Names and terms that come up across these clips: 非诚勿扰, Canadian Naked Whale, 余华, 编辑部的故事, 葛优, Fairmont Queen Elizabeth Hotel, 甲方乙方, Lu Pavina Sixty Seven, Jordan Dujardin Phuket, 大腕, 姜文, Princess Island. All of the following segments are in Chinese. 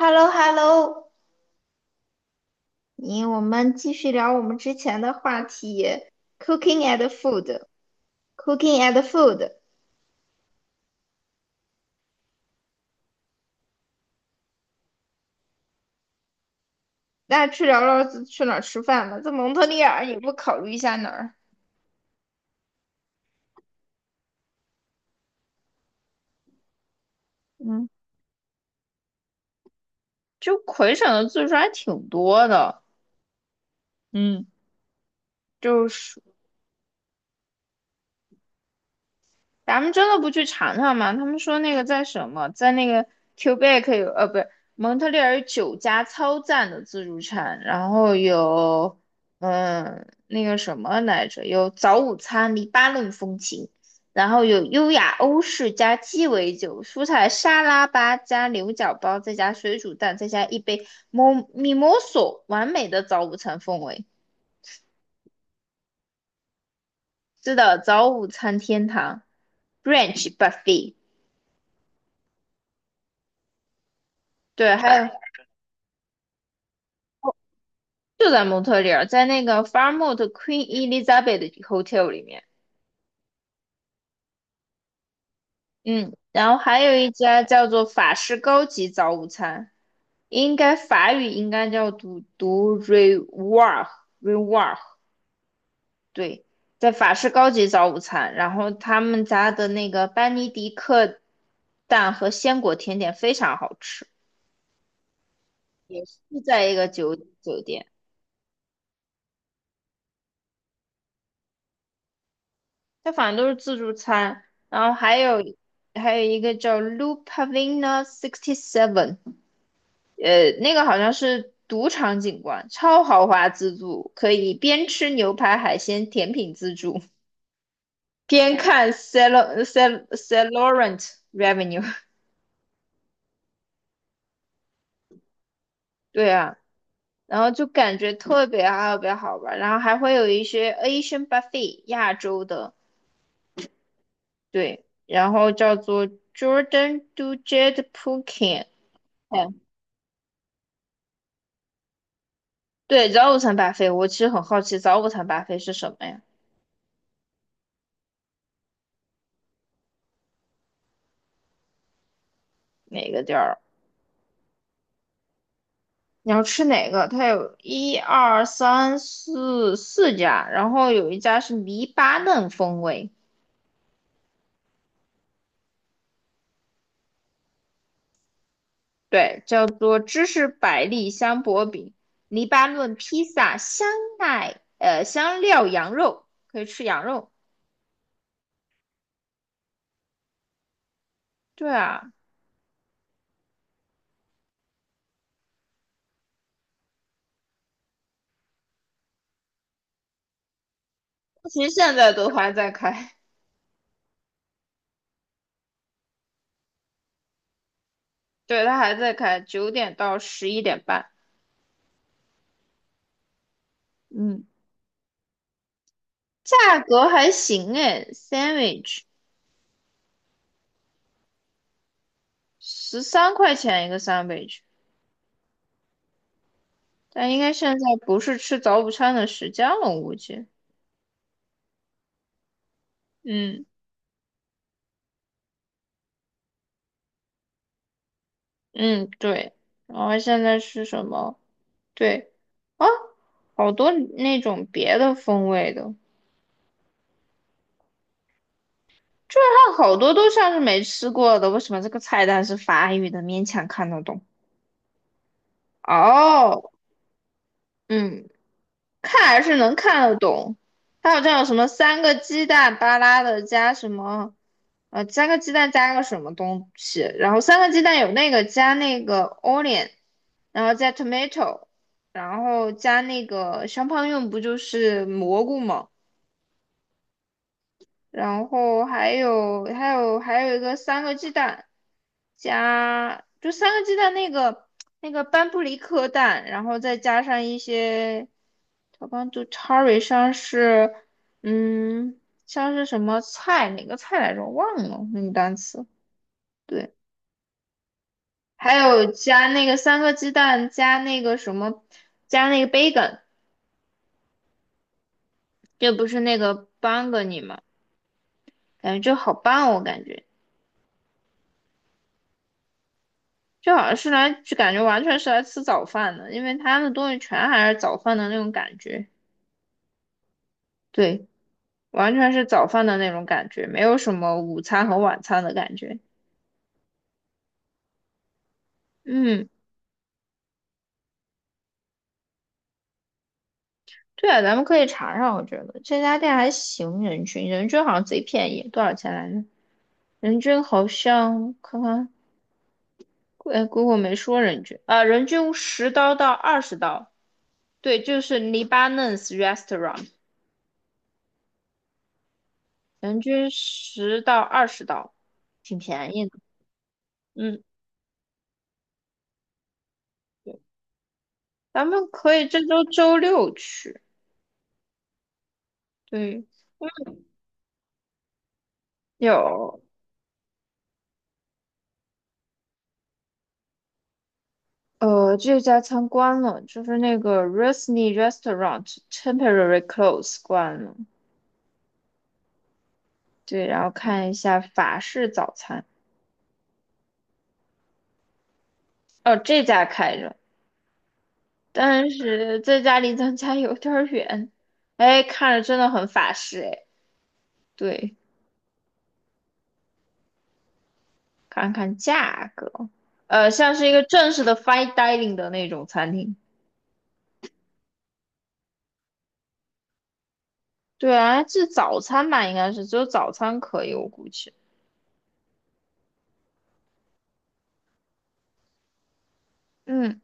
h e l l o h e l l o 你我们继续聊我们之前的话题，cooking and food，cooking and food。那去聊聊去哪儿吃饭吧？在蒙特利尔，你不考虑一下哪儿？嗯，就魁省的自助还挺多的，嗯，就是。咱们真的不去尝尝吗？他们说那个在什么，在那个 Quebec 有，不是蒙特利尔有九家超赞的自助餐，然后有，嗯，那个什么来着，有早午餐黎巴嫩风情，然后有优雅欧式加鸡尾酒、蔬菜沙拉吧加牛角包，再加水煮蛋，再加一杯 mimoso，完美的早午餐氛围。是的，早午餐天堂，brunch buffet。对，还有就在蒙特利尔，在那个 Fairmont Queen Elizabeth Hotel 里面，嗯，然后还有一家叫做法式高级早午餐，应该法语应该叫读读 r e w a r 对，在法式高级早午餐，然后他们家的那个班尼迪克蛋和鲜果甜点非常好吃，也是在一个酒店，它反正都是自助餐，然后还有一个叫 Lu Pavina 67，那个好像是赌场景观，超豪华自助，可以边吃牛排、海鲜、甜品自助，边看 Salorent Revenue。对啊，然后就感觉特别好玩，然后还会有一些 Asian buffet 亚洲的，对，然后叫做 Jordan Dujardin Phuket。对，早午餐 b u 我其实很好奇早午餐 b u 是什么呀？哪个地儿？你要吃哪个？它有一二三四四家，然后有一家是黎巴嫩风味，对，叫做芝士百利香薄饼，黎巴嫩披萨香奈香料羊肉，可以吃羊肉。对啊，其实现在都还在开，对，它还在开，9点到11点半。嗯，价格还行诶 s a n d w i c h 13块钱一个三杯 n 但应该现在不是吃早午餐的时间了，我估计。嗯嗯，对。然后现在是什么？对啊，好多那种别的风味的，就是它好多都像是没吃过的。为什么这个菜单是法语的，勉强看得懂？哦，嗯。看还是能看得懂。它好像有什么三个鸡蛋巴拉的加什么，三个鸡蛋加个什么东西，然后三个鸡蛋有那个加那个 onion，然后加 tomato，然后加那个香胖用不就是蘑菇吗？然后还有一个三个鸡蛋三个鸡蛋那个班布里克蛋，然后再加上一些小帮就 t a r r y 像是，嗯，像是什么菜，哪个菜来着？我忘了那个单词。对，还有加那个三个鸡蛋，加那个什么，加那个 bacon，这不是那个 b a n g n y 吗？感觉就好棒哦我感觉就好像是来，就感觉完全是来吃早饭的，因为他们的东西全还是早饭的那种感觉。对，完全是早饭的那种感觉，没有什么午餐和晚餐的感觉。嗯。对啊，咱们可以查查，我觉得这家店还行，人均好像贼便宜，多少钱来着？人均好像看看，哎姑姑没说人均啊，人均10刀到20刀，对，就是 Lebanese restaurant，人均10到20刀，挺便宜的。嗯，咱们可以这周周六去。对，有，这家餐关了，就是那个 r u s n y Restaurant temporary close 关了。对，然后看一下法式早餐，哦，这家开着，但是这家离咱家有点儿远，哎，看着真的很法式，哎，对，看看价格，像是一个正式的 fine dining 的那种餐厅，对啊，是早餐吧，应该是只有早餐可以，我估计，嗯，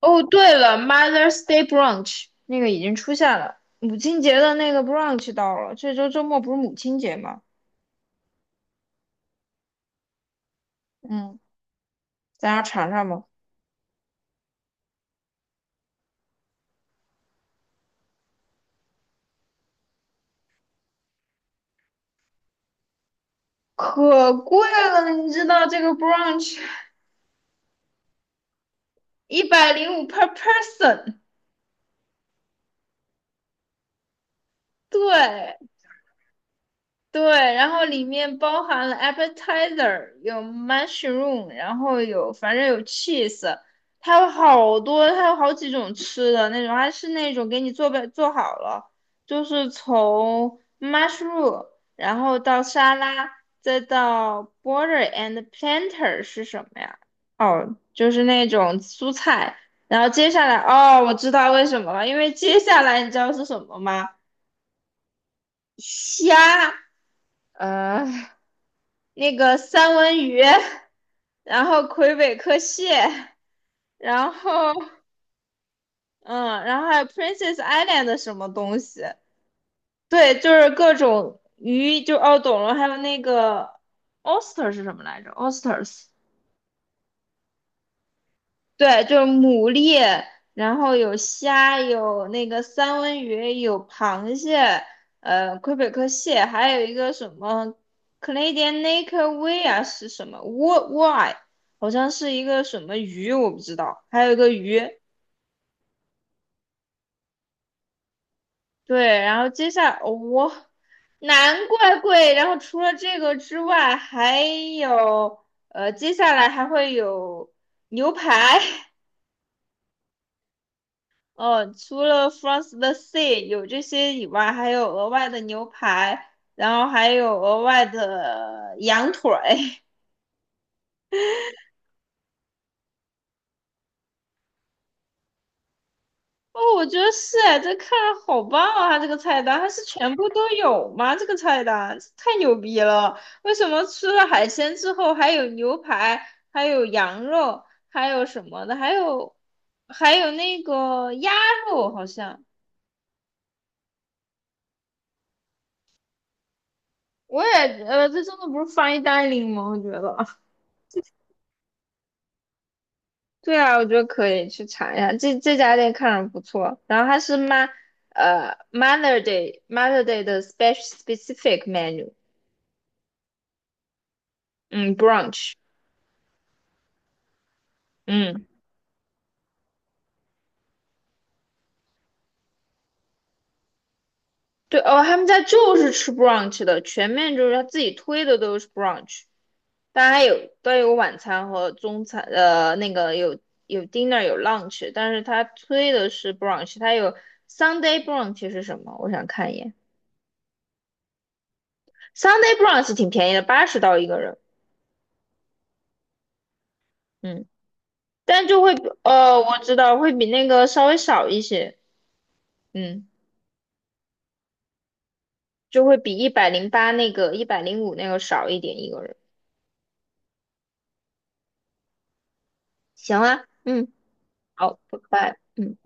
哦，对了，Mother's Day brunch 那个已经出现了，母亲节的那个 brunch 到了，这周周末不是母亲节吗？嗯，咱俩尝尝吧。可贵了，你知道这个 brunch 一百零五 per person，对，对，然后里面包含了 appetizer，有 mushroom，然后有反正有 cheese，它有好多，它有好几种吃的那种，还是那种给你做好了，就是从 mushroom，然后到沙拉，再到 b o r d e r and planter 是什么呀？哦，就是那种蔬菜，然后接下来，哦，我知道为什么了，因为接下来你知道是什么吗？虾。呃那个三文鱼，然后魁北克蟹，然后嗯，然后还有 Princess Island 的什么东西，对，就是各种鱼，就哦懂了，还有那个 oyster 是什么来着？oysters 对，就是牡蛎，然后有虾，有那个三文鱼，有螃蟹，魁北克蟹，还有一个什么 Canadian Naked Whale 啊是什么 w w y 好像是一个什么鱼，我不知道，还有一个鱼。对，然后接下来我、难怪贵。然后除了这个之外，还有接下来还会有牛排。哦，除了 f r o n the Sea 有这些以外，还有额外的牛排，然后还有额外的羊腿。哦，我觉得是哎，这看着好棒啊！它这个菜单，它是全部都有吗？这个菜单太牛逼了！为什么吃了海鲜之后还有牛排，还有羊肉，还有什么的，还有还有那个鸭肉，好像我也这真的不是 fine dining 吗？我觉得。对啊，我觉得可以去查一下，这家店看着不错。然后它是妈，Mother Day 的 specific menu，嗯，brunch，嗯，对哦，他们家就是吃 brunch 的，全面就是他自己推的都是 brunch，但还有都有晚餐和中餐，那个有 dinner 有 lunch，但是他推的是 brunch，他有 Sunday brunch 是什么？我想看一眼，Sunday brunch 挺便宜的，80刀一个人。嗯。但就会比我知道会比那个稍微少一些，嗯，就会比108那个一百零五那个少一点一个人。行啊，嗯，好，拜拜。嗯。